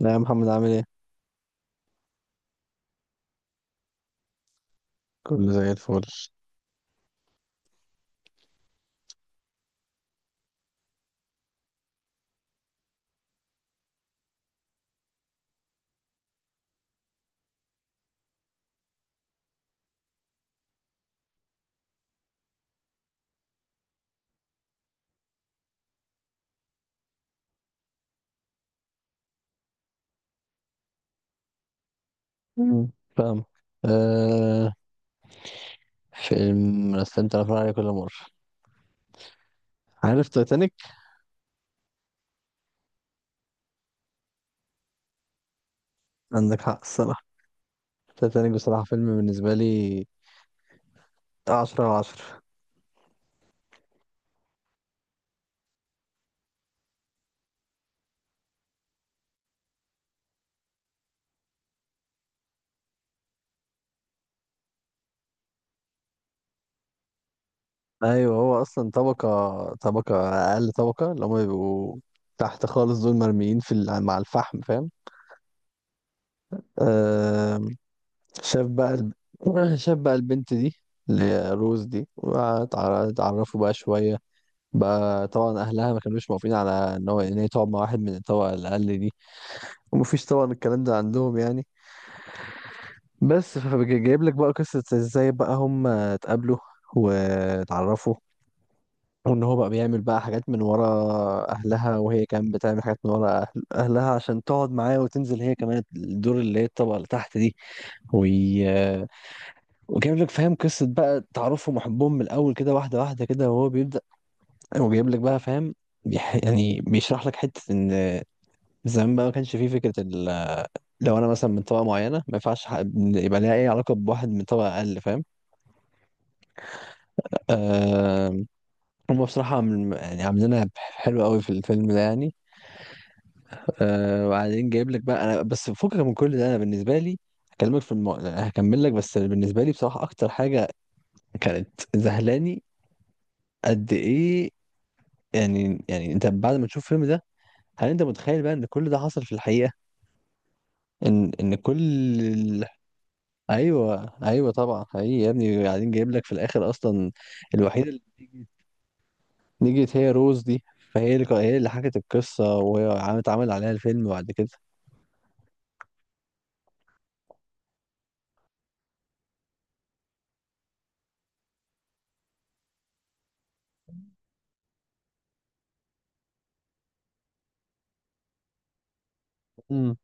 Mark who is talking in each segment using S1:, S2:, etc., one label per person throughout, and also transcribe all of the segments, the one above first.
S1: لا يا محمد، عامل ايه؟ كله زي الفل. مم. فاهم. آه. فيلم رسمت الأفلام عليه كل مرة. عارف تايتانيك؟ عندك حق الصراحة. تايتانيك بصراحة فيلم بالنسبة لي عشرة على عشرة. أيوة، هو أصلا طبقة طبقة، أقل طبقة اللي هما بيبقوا تحت خالص، دول مرميين في مع الفحم، فاهم؟ آه. شاف بقى الب... شاف بقى البنت دي، اللي هي روز دي، وتعرفوا بقى شوية. بقى طبعا اهلها ما كانوش موافقين على ان هي تقعد مع واحد من الطبقه الاقل دي. ومفيش طبعا الكلام ده عندهم يعني. بس فجايب لك بقى قصه ازاي بقى هم اتقابلوا واتعرفوا، وان هو بقى بيعمل بقى حاجات من ورا اهلها، وهي كانت بتعمل حاجات من ورا اهلها عشان تقعد معاه وتنزل هي كمان الدور اللي هي الطبقه اللي تحت دي. وي... وجايب لك فاهم قصه بقى تعرفهم وحبهم من الاول كده، واحده واحده كده، وهو بيبدا. وجايب لك بقى فاهم. يعني بيشرح لك حته ان زمان بقى ما كانش فيه فكرة لو أنا مثلا من طبقة معينة ما ينفعش يبقى ليها أي علاقة بواحد من طبقة أقل، فاهم. أه... هم بصراحة يعني عاملينها حلوة قوي في الفيلم ده يعني. وبعدين جايب لك بقى أنا بس فكك من كل ده، أنا بالنسبة لي هكمل لك. بس بالنسبة لي بصراحة أكتر حاجة كانت ذهلاني قد إيه، يعني أنت بعد ما تشوف الفيلم ده، هل أنت متخيل بقى إن كل ده حصل في الحقيقة؟ ان كل... ايوه ايوه طبعا، حقيقي يا ابني، قاعدين جايب لك في الاخر اصلا. الوحيده اللي نجت هي روز دي. فهي اللي حكت القصه، وهي اتعمل عليها الفيلم بعد كده. امم.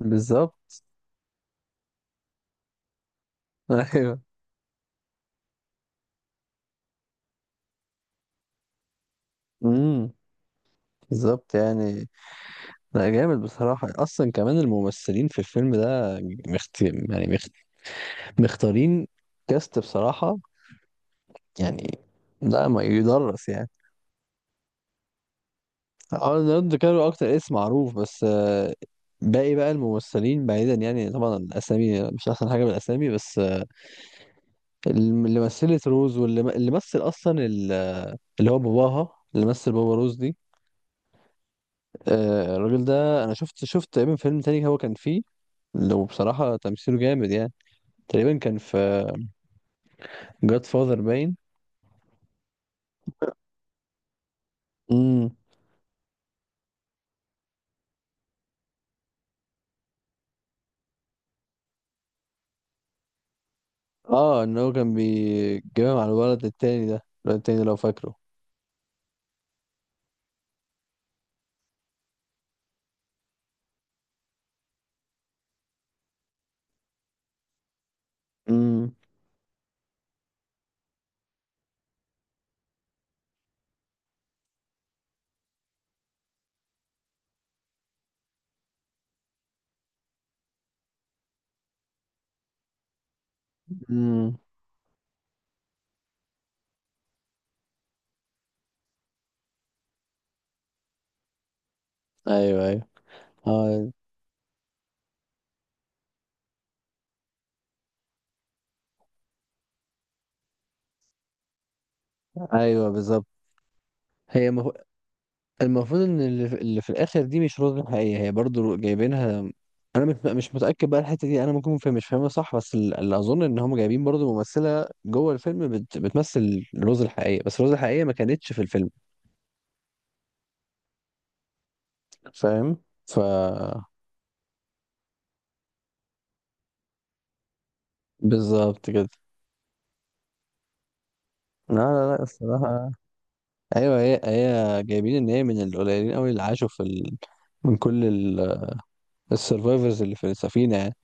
S1: بالظبط. ايوه. امم. بالظبط يعني. لا، جامد بصراحه، اصلا كمان الممثلين في الفيلم ده مخت... يعني مخت... مختارين، كاست بصراحه يعني. لا ما يدرس يعني. اه ليوناردو دي كابريو اكتر اسم معروف، بس باقي بقى الممثلين بعيدا يعني، طبعا الاسامي مش احسن حاجه، بالاسامي بس اللي مثلت روز، واللي مثل اصلا اللي هو باباها، اللي مثل بابا روز دي. الراجل ده انا شفت تقريبا فيلم تاني هو كان فيه. لو بصراحه تمثيله جامد يعني. تقريبا كان في جاد فاذر باين. امم. اه ان هو كان بيتجمع مع الولد التاني ده، الولد التاني لو فاكره. امم. امم. ايوه ايوه. اه ايوه بالظبط. هي مف... المفروض ان اللي في الاخر دي مش رؤية حقيقية، هي برضو جايبينها. انا مش متأكد بقى الحتة دي، انا ممكن فاهم مش فاهمها صح، بس اللي اظن ان هم جايبين برضو ممثلة جوه الفيلم بتمثل روز الحقيقية، بس روز الحقيقية ما كانتش في الفيلم، فاهم. ف... بالظبط كده. لا لا لا الصراحة، ايوه هي جايبين ان هي من القليلين قوي اللي عاشوا في من كل السرفايفرز اللي في السفينة يعني.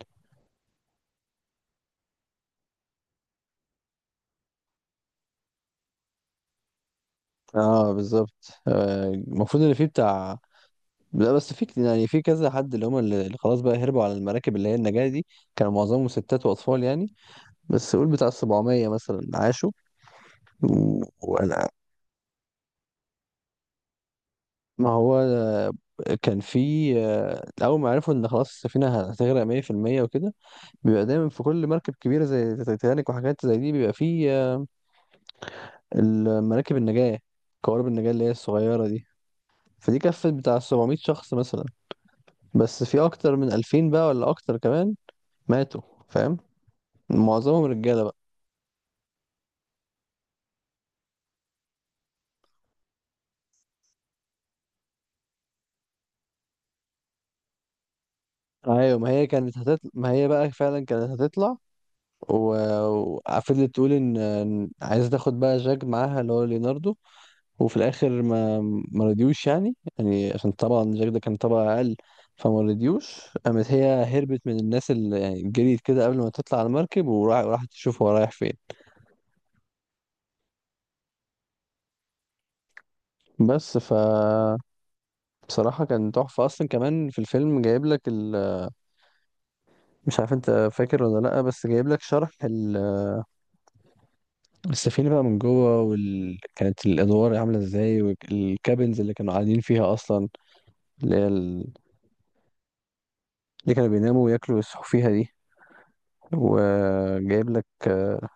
S1: اه بالظبط، المفروض ان في بتاع... لا بس في يعني في كذا حد، اللي هم اللي خلاص بقى هربوا على المراكب اللي هي النجاة دي. كانوا معظمهم ستات وأطفال يعني. بس قول بتاع 700 مثلا عاشوا. وأنا ما هو كان في أول ما عرفوا إن خلاص السفينة هتغرق 100%، وكده بيبقى دايما في كل مركب كبيرة زي تايتانيك وحاجات زي دي بيبقى في المراكب النجاة، قوارب النجاة اللي هي الصغيرة دي. فدي كفت بتاع 700 شخص مثلا، بس في أكتر من 2000 بقى، ولا أكتر كمان، ماتوا، فاهم. معظمهم رجالة. ايوه، ما هي كانت هتطلع، ما هي بقى فعلا كانت هتطلع، و... وفضلت تقول إن عايزه تاخد بقى جاك معاها، اللي هو ليوناردو. وفي الاخر ما رضيوش يعني، يعني عشان طبعا جاك ده كان طبعا اقل، فما رضيوش. قامت هي هربت من الناس، اللي يعني جريت كده قبل ما تطلع على المركب، وراحت تشوف هو رايح فين. بس ف... بصراحة كان تحفة أصلا، كمان في الفيلم جايب لك مش عارف أنت فاكر ولا لأ، بس جايب لك شرح السفينة بقى من جوه، كانت الأدوار عاملة ازاي، والكابنز اللي كانوا قاعدين فيها أصلا، اللي هي ال... اللي كانوا بيناموا وياكلوا ويصحوا فيها دي. وجايب لك اه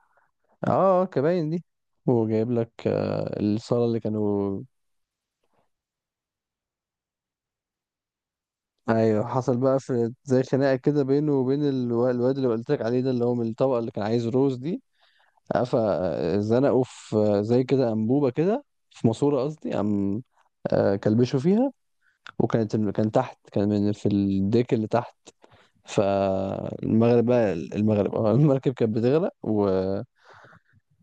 S1: كباين دي. وجايب لك الصالة اللي كانوا... ايوه، حصل بقى في زي خناقة كده بينه وبين الواد اللي قلت لك عليه ده، اللي هو من الطبقة، اللي كان عايز روز دي. فزنقوا في زي كده أنبوبة كده، في ماسورة قصدي، قام كلبشوا فيها، وكانت كان تحت كان من في الديك اللي تحت. فالمغرب بقى المغرب المركب كانت بتغرق،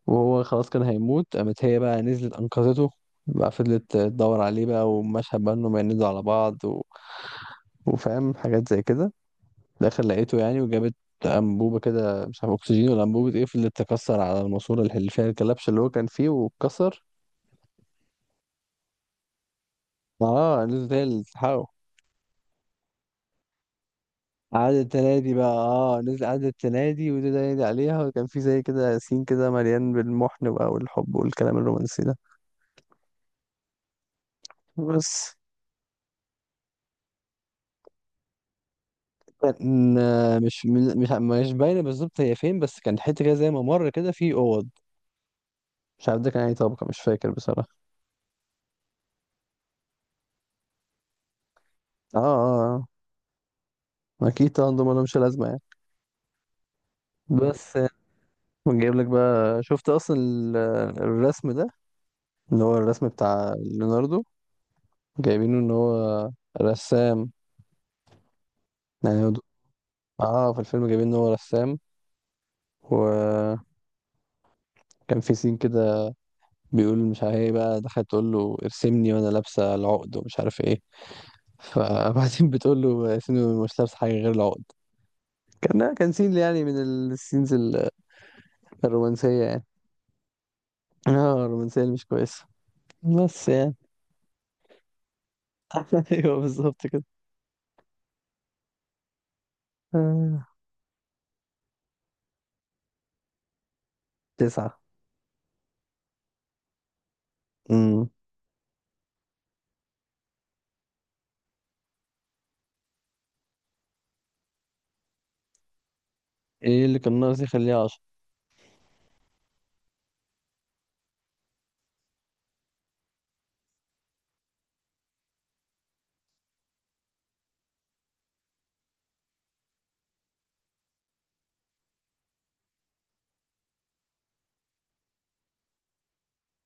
S1: وهو خلاص كان هيموت، قامت هي بقى نزلت أنقذته. بقى فضلت تدور عليه بقى، ومشهد بقى انهم ينزلوا على بعض، وفاهم حاجات زي كده. في الآخر لقيته يعني، وجابت أنبوبة كده، مش عارف أكسجين ولا أنبوبة إيه، فضلت تكسر على الماسورة اللي فيها الكلبش اللي هو كان فيه، واتكسر. اه نزلت هي اللي تلحقه. عاد السنة دي بقى، اه نزل عاد السنة دي، وده نادي عليها، وكان في زي كده ياسين كده مليان بالمحن بقى والحب والكلام الرومانسي ده. بس كان مش باينة بالظبط هي فين، بس كان حتة كده زي ما مر كده في أوض، مش عارف ده كان أي طبقة، مش فاكر بصراحة. اه اه. آه. أكيد طبعا دول مالهمش لازمة يعني. بس ونجيب لك بقى شفت أصلا الرسم ده، اللي هو الرسم بتاع ليوناردو، جايبينه إن هو رسام، يعني اه في الفيلم جايبين إن هو رسام، وكان في سين كده بيقول مش عارف ايه بقى، دخلت تقول له ارسمني وانا لابسه العقد ومش عارف ايه، فبعدين بتقول له ارسمني وأنا مش لابسه حاجه غير العقد. كان سين يعني من السينز الرومانسيه يعني. اه الرومانسيه اللي مش كويسه. بس يعني. ايوه بالظبط كده. آه. تسعة. امم. ايه اللي كان ناقص يخليها عشرة؟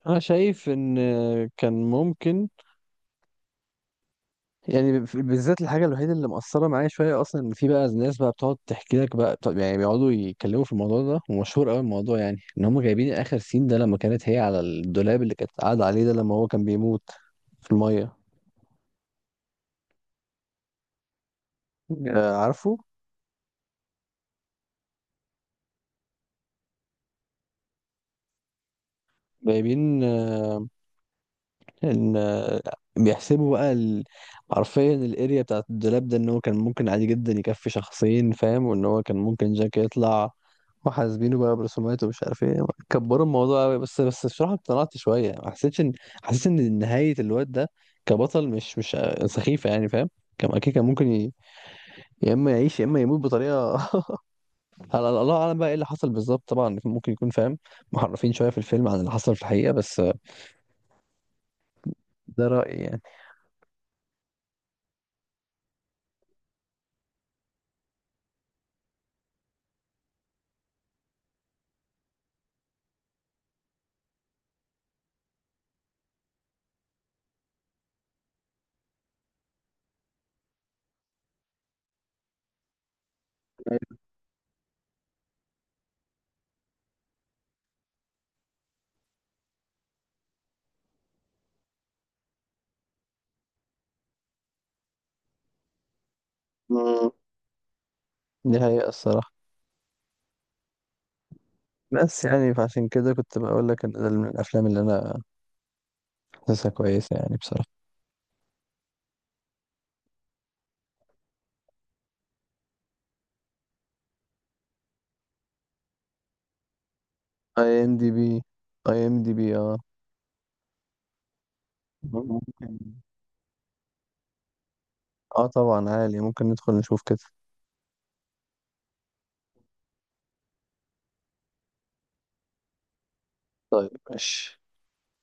S1: انا شايف ان كان ممكن، يعني بالذات الحاجة الوحيدة اللي مأثرة معايا شوية أصلا، إن في بقى ناس بقى بتقعد تحكي لك بقى طب، يعني بيقعدوا يتكلموا في الموضوع ده، ومشهور أوي الموضوع، يعني إن هم جايبين آخر سين ده لما كانت هي على الدولاب اللي كانت قاعدة عليه ده لما هو كان بيموت في المية. عارفه. جايبين ان بيحسبوا بقى حرفيا الاريا بتاعت الدولاب ده ان هو كان ممكن عادي جدا يكفي شخصين، فاهم، وان هو كان ممكن جاك يطلع، وحاسبينه بقى برسومات ومش عارف ايه، كبروا الموضوع قوي، بس بصراحة اقتنعت شوية، ما حسيتش ان، حسيت ان نهاية الواد ده كبطل مش سخيفة يعني فاهم. كان اكيد كان ممكن يا اما يعيش يا اما يموت بطريقة على الله اعلم بقى ايه اللي حصل بالظبط، طبعا ممكن يكون فاهم محرفين شوية في الفيلم عن اللي حصل في الحقيقة، بس ده رأيي يعني. مم. دي حقيقة الصراحة. بس يعني فعشان كده كنت بقول لك ان ده من الافلام اللي انا حاسسها كويسه يعني بصراحه. IMDB، IMDB اه. ممكن. اه طبعا عالي، ممكن ندخل نشوف كده. طيب ماشي.